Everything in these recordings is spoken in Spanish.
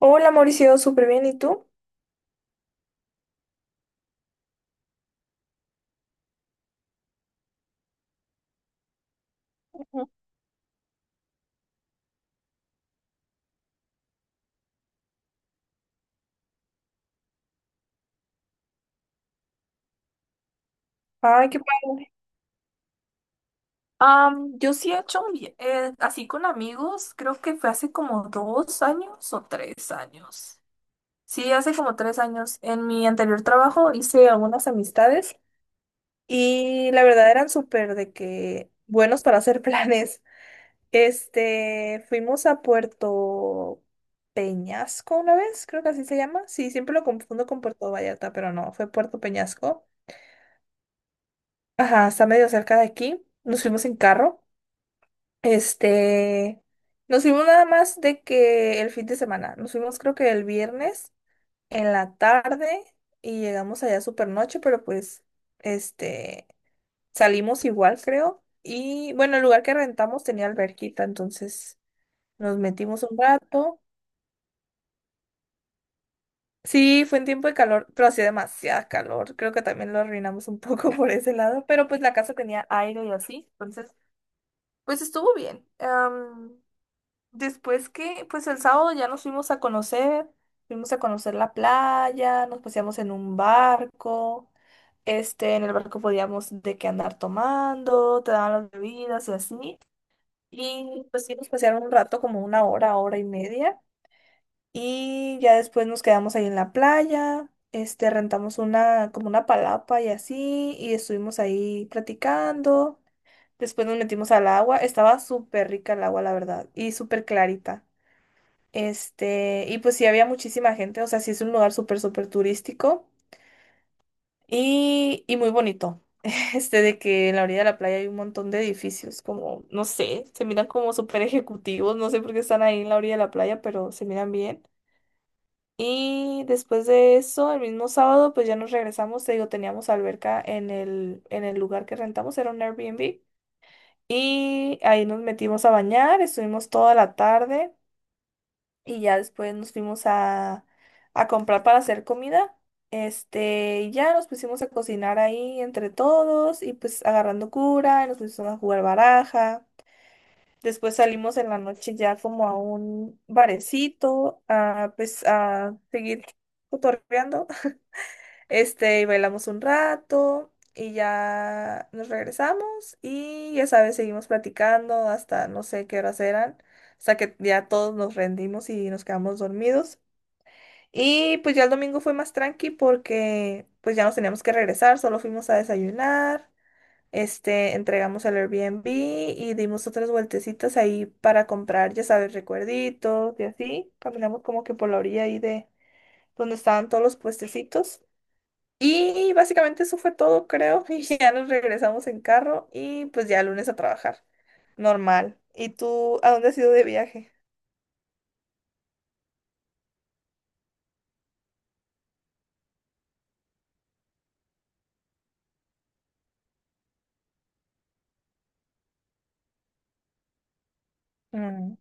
Hola Mauricio, súper bien. ¿Y tú? Ujú. Ay, qué padre. Yo sí he hecho así con amigos, creo que fue hace como 2 años o 3 años. Sí, hace como 3 años. En mi anterior trabajo hice algunas amistades. Y la verdad eran súper de que buenos para hacer planes. Fuimos a Puerto Peñasco una vez, creo que así se llama. Sí, siempre lo confundo con Puerto Vallarta, pero no, fue Puerto Peñasco. Ajá, está medio cerca de aquí. Nos fuimos en carro. Este, nos fuimos nada más de que el fin de semana. Nos fuimos creo que el viernes en la tarde y llegamos allá súper noche, pero pues, este, salimos igual, creo. Y bueno, el lugar que rentamos tenía alberquita, entonces nos metimos un rato. Sí, fue en tiempo de calor, pero hacía demasiada calor. Creo que también lo arruinamos un poco por ese lado, pero pues la casa tenía aire y así, entonces pues estuvo bien. Después que, pues el sábado ya nos fuimos a conocer la playa, nos paseamos en un barco, en el barco podíamos de qué andar tomando, te daban las bebidas y así. Y pues sí, nos pasearon un rato, como una hora, hora y media. Y ya después nos quedamos ahí en la playa, rentamos una, como una palapa y así, y estuvimos ahí platicando. Después nos metimos al agua. Estaba súper rica el agua, la verdad. Y súper clarita. Y pues sí, había muchísima gente. O sea, sí es un lugar súper, súper turístico. Y muy bonito. De que en la orilla de la playa hay un montón de edificios, como, no sé, se miran como súper ejecutivos. No sé por qué están ahí en la orilla de la playa, pero se miran bien. Y después de eso, el mismo sábado, pues ya nos regresamos. Te digo, teníamos alberca en el lugar que rentamos. Era un Airbnb. Y ahí nos metimos a bañar, estuvimos toda la tarde y ya después nos fuimos a comprar para hacer comida. Y ya nos pusimos a cocinar ahí entre todos y pues agarrando cura, y nos pusimos a jugar baraja. Después salimos en la noche ya como a un barecito, a pues a seguir cotorreando. Y bailamos un rato y ya nos regresamos y ya sabes, seguimos platicando hasta no sé qué horas eran, hasta que ya todos nos rendimos y nos quedamos dormidos. Y pues ya el domingo fue más tranqui porque pues ya nos teníamos que regresar, solo fuimos a desayunar, entregamos el Airbnb y dimos otras vueltecitas ahí para comprar, ya sabes, recuerditos y así. Caminamos como que por la orilla ahí de donde estaban todos los puestecitos. Y básicamente eso fue todo, creo. Y ya nos regresamos en carro y pues ya el lunes a trabajar. Normal. ¿Y tú a dónde has ido de viaje? Mm,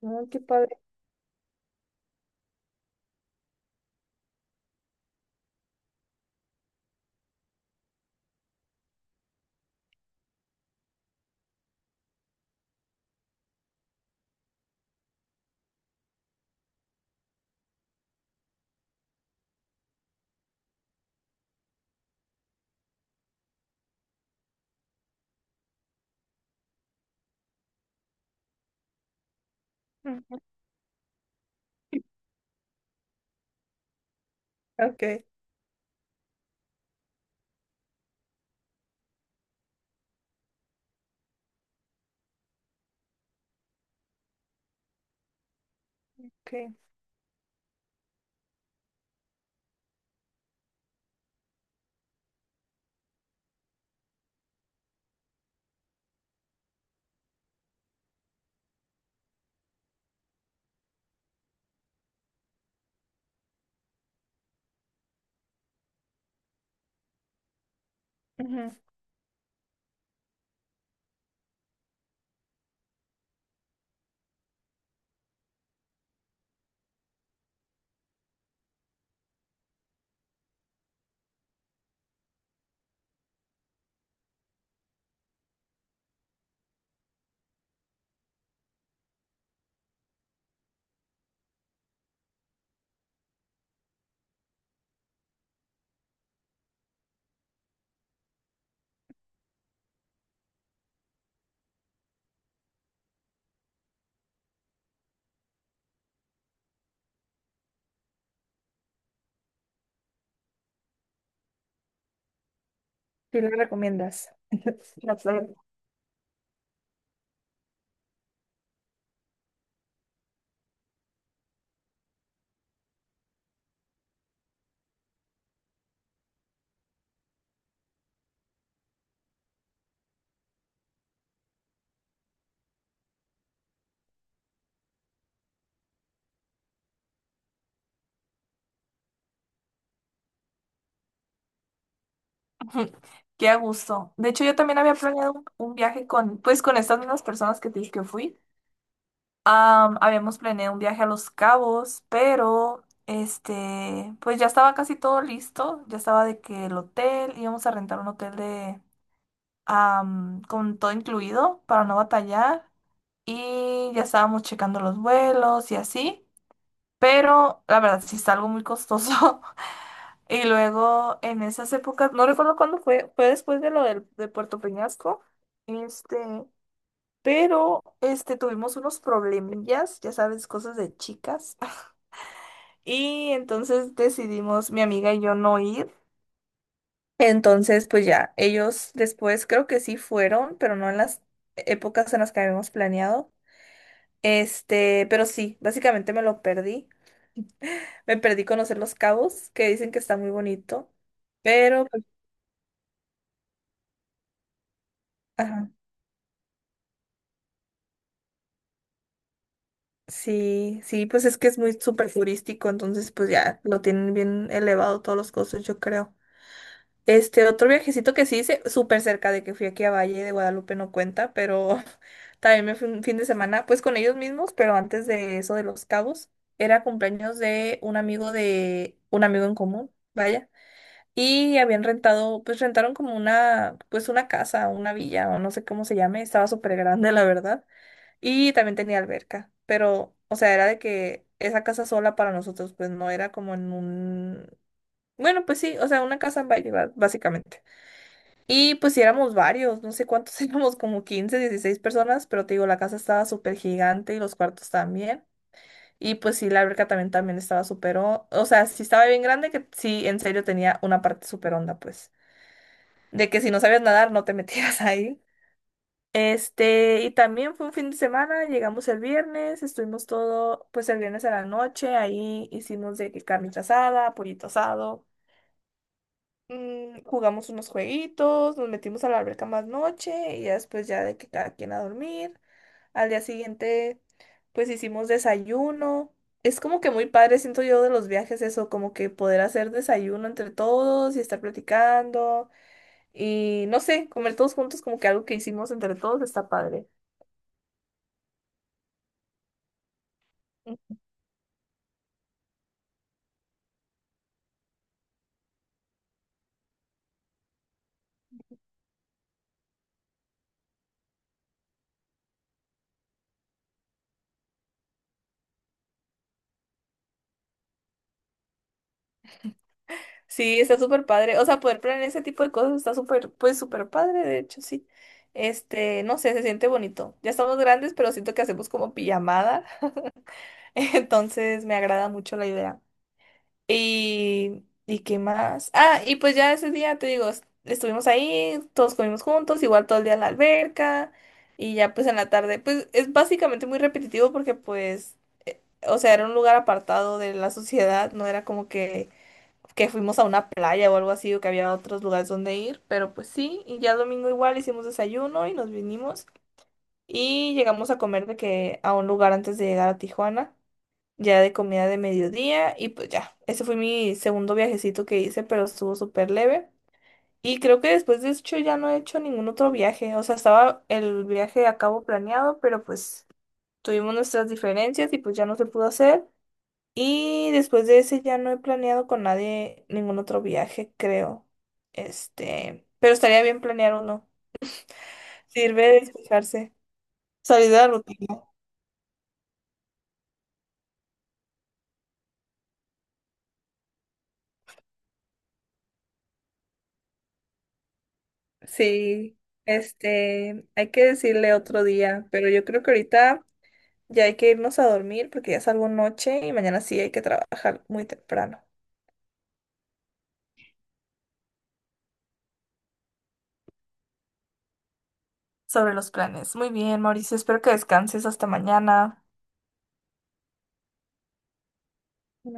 mm, qué padre. Ujú. Ok, ok. Ujú. ¿Qué le recomiendas? La playa. Ujú. Qué a gusto. De hecho, yo también había planeado un viaje con, pues, con estas mismas personas que te dije que fui. Habíamos planeado un viaje a Los Cabos, pero pues ya estaba casi todo listo, ya estaba de que el hotel, íbamos a rentar un hotel de con todo incluido para no batallar y ya estábamos checando los vuelos y así, pero la verdad sí está algo muy costoso. Y luego en esas épocas, no recuerdo cuándo fue, fue después de lo del, de Puerto Peñasco, este, pero tuvimos unos problemillas, ya sabes, cosas de chicas. Y entonces decidimos, mi amiga y yo, no ir. Entonces, pues ya, ellos después creo que sí fueron, pero no en las épocas en las que habíamos planeado. Pero sí, básicamente me lo perdí. Me perdí conocer Los Cabos, que dicen que está muy bonito. Pero, pues, ajá, sí, sí, pues es que es muy súper turístico, entonces pues ya lo tienen bien elevado todos los costos, yo creo. Este otro viajecito que sí hice, súper cerca de que fui aquí a Valle de Guadalupe, no cuenta, pero también me fui un fin de semana, pues con ellos mismos, pero antes de eso de Los Cabos, era cumpleaños de un amigo en común, vaya, y habían rentado, pues rentaron como una, pues una casa, una villa, o no sé cómo se llame, estaba súper grande, la verdad, y también tenía alberca, pero, o sea, era de que esa casa sola para nosotros, pues no era como en un, bueno, pues sí, o sea, una casa en Valle, básicamente. Y pues sí éramos varios, no sé cuántos éramos, como 15, 16 personas, pero te digo, la casa estaba súper gigante y los cuartos también. Y pues sí, la alberca también, también estaba súper, o sea, sí estaba bien grande, que sí, en serio tenía una parte súper honda, pues, de que si no sabías nadar no te metías ahí. Y también fue un fin de semana, llegamos el viernes, estuvimos todo, pues el viernes a la noche, ahí hicimos de que carnita asada, pollito asado. Jugamos unos jueguitos, nos metimos a la alberca más noche y ya después ya de que cada quien a dormir. Al día siguiente, pues hicimos desayuno. Es como que muy padre, siento yo, de los viajes eso, como que poder hacer desayuno entre todos y estar platicando y no sé, comer todos juntos, como que algo que hicimos entre todos está padre. Sí, está súper padre. O sea, poder planear ese tipo de cosas está súper, pues súper padre, de hecho, sí. No sé, se siente bonito. Ya estamos grandes, pero siento que hacemos como pijamada. Entonces me agrada mucho la idea. ¿Y qué más? Ah, y pues ya ese día, te digo, estuvimos ahí, todos comimos juntos, igual todo el día en la alberca. Y ya pues en la tarde, pues es básicamente muy repetitivo porque pues, o sea, era un lugar apartado de la sociedad, no era como que fuimos a una playa o algo así, o que había otros lugares donde ir, pero pues sí, y ya el domingo igual hicimos desayuno y nos vinimos y llegamos a comer de que a un lugar antes de llegar a Tijuana, ya de comida de mediodía y pues ya, ese fue mi segundo viajecito que hice, pero estuvo súper leve. Y creo que después de eso ya no he hecho ningún otro viaje, o sea, estaba el viaje a cabo planeado, pero pues tuvimos nuestras diferencias y pues ya no se pudo hacer. Y después de ese ya no he planeado con nadie ningún otro viaje, creo. Pero estaría bien planear uno. Sirve de despejarse, salir de la rutina. Sí, hay que decirle otro día, pero yo creo que ahorita ya hay que irnos a dormir porque ya salgo noche y mañana sí hay que trabajar muy temprano. Sobre los planes. Muy bien, Mauricio, espero que descanses hasta mañana.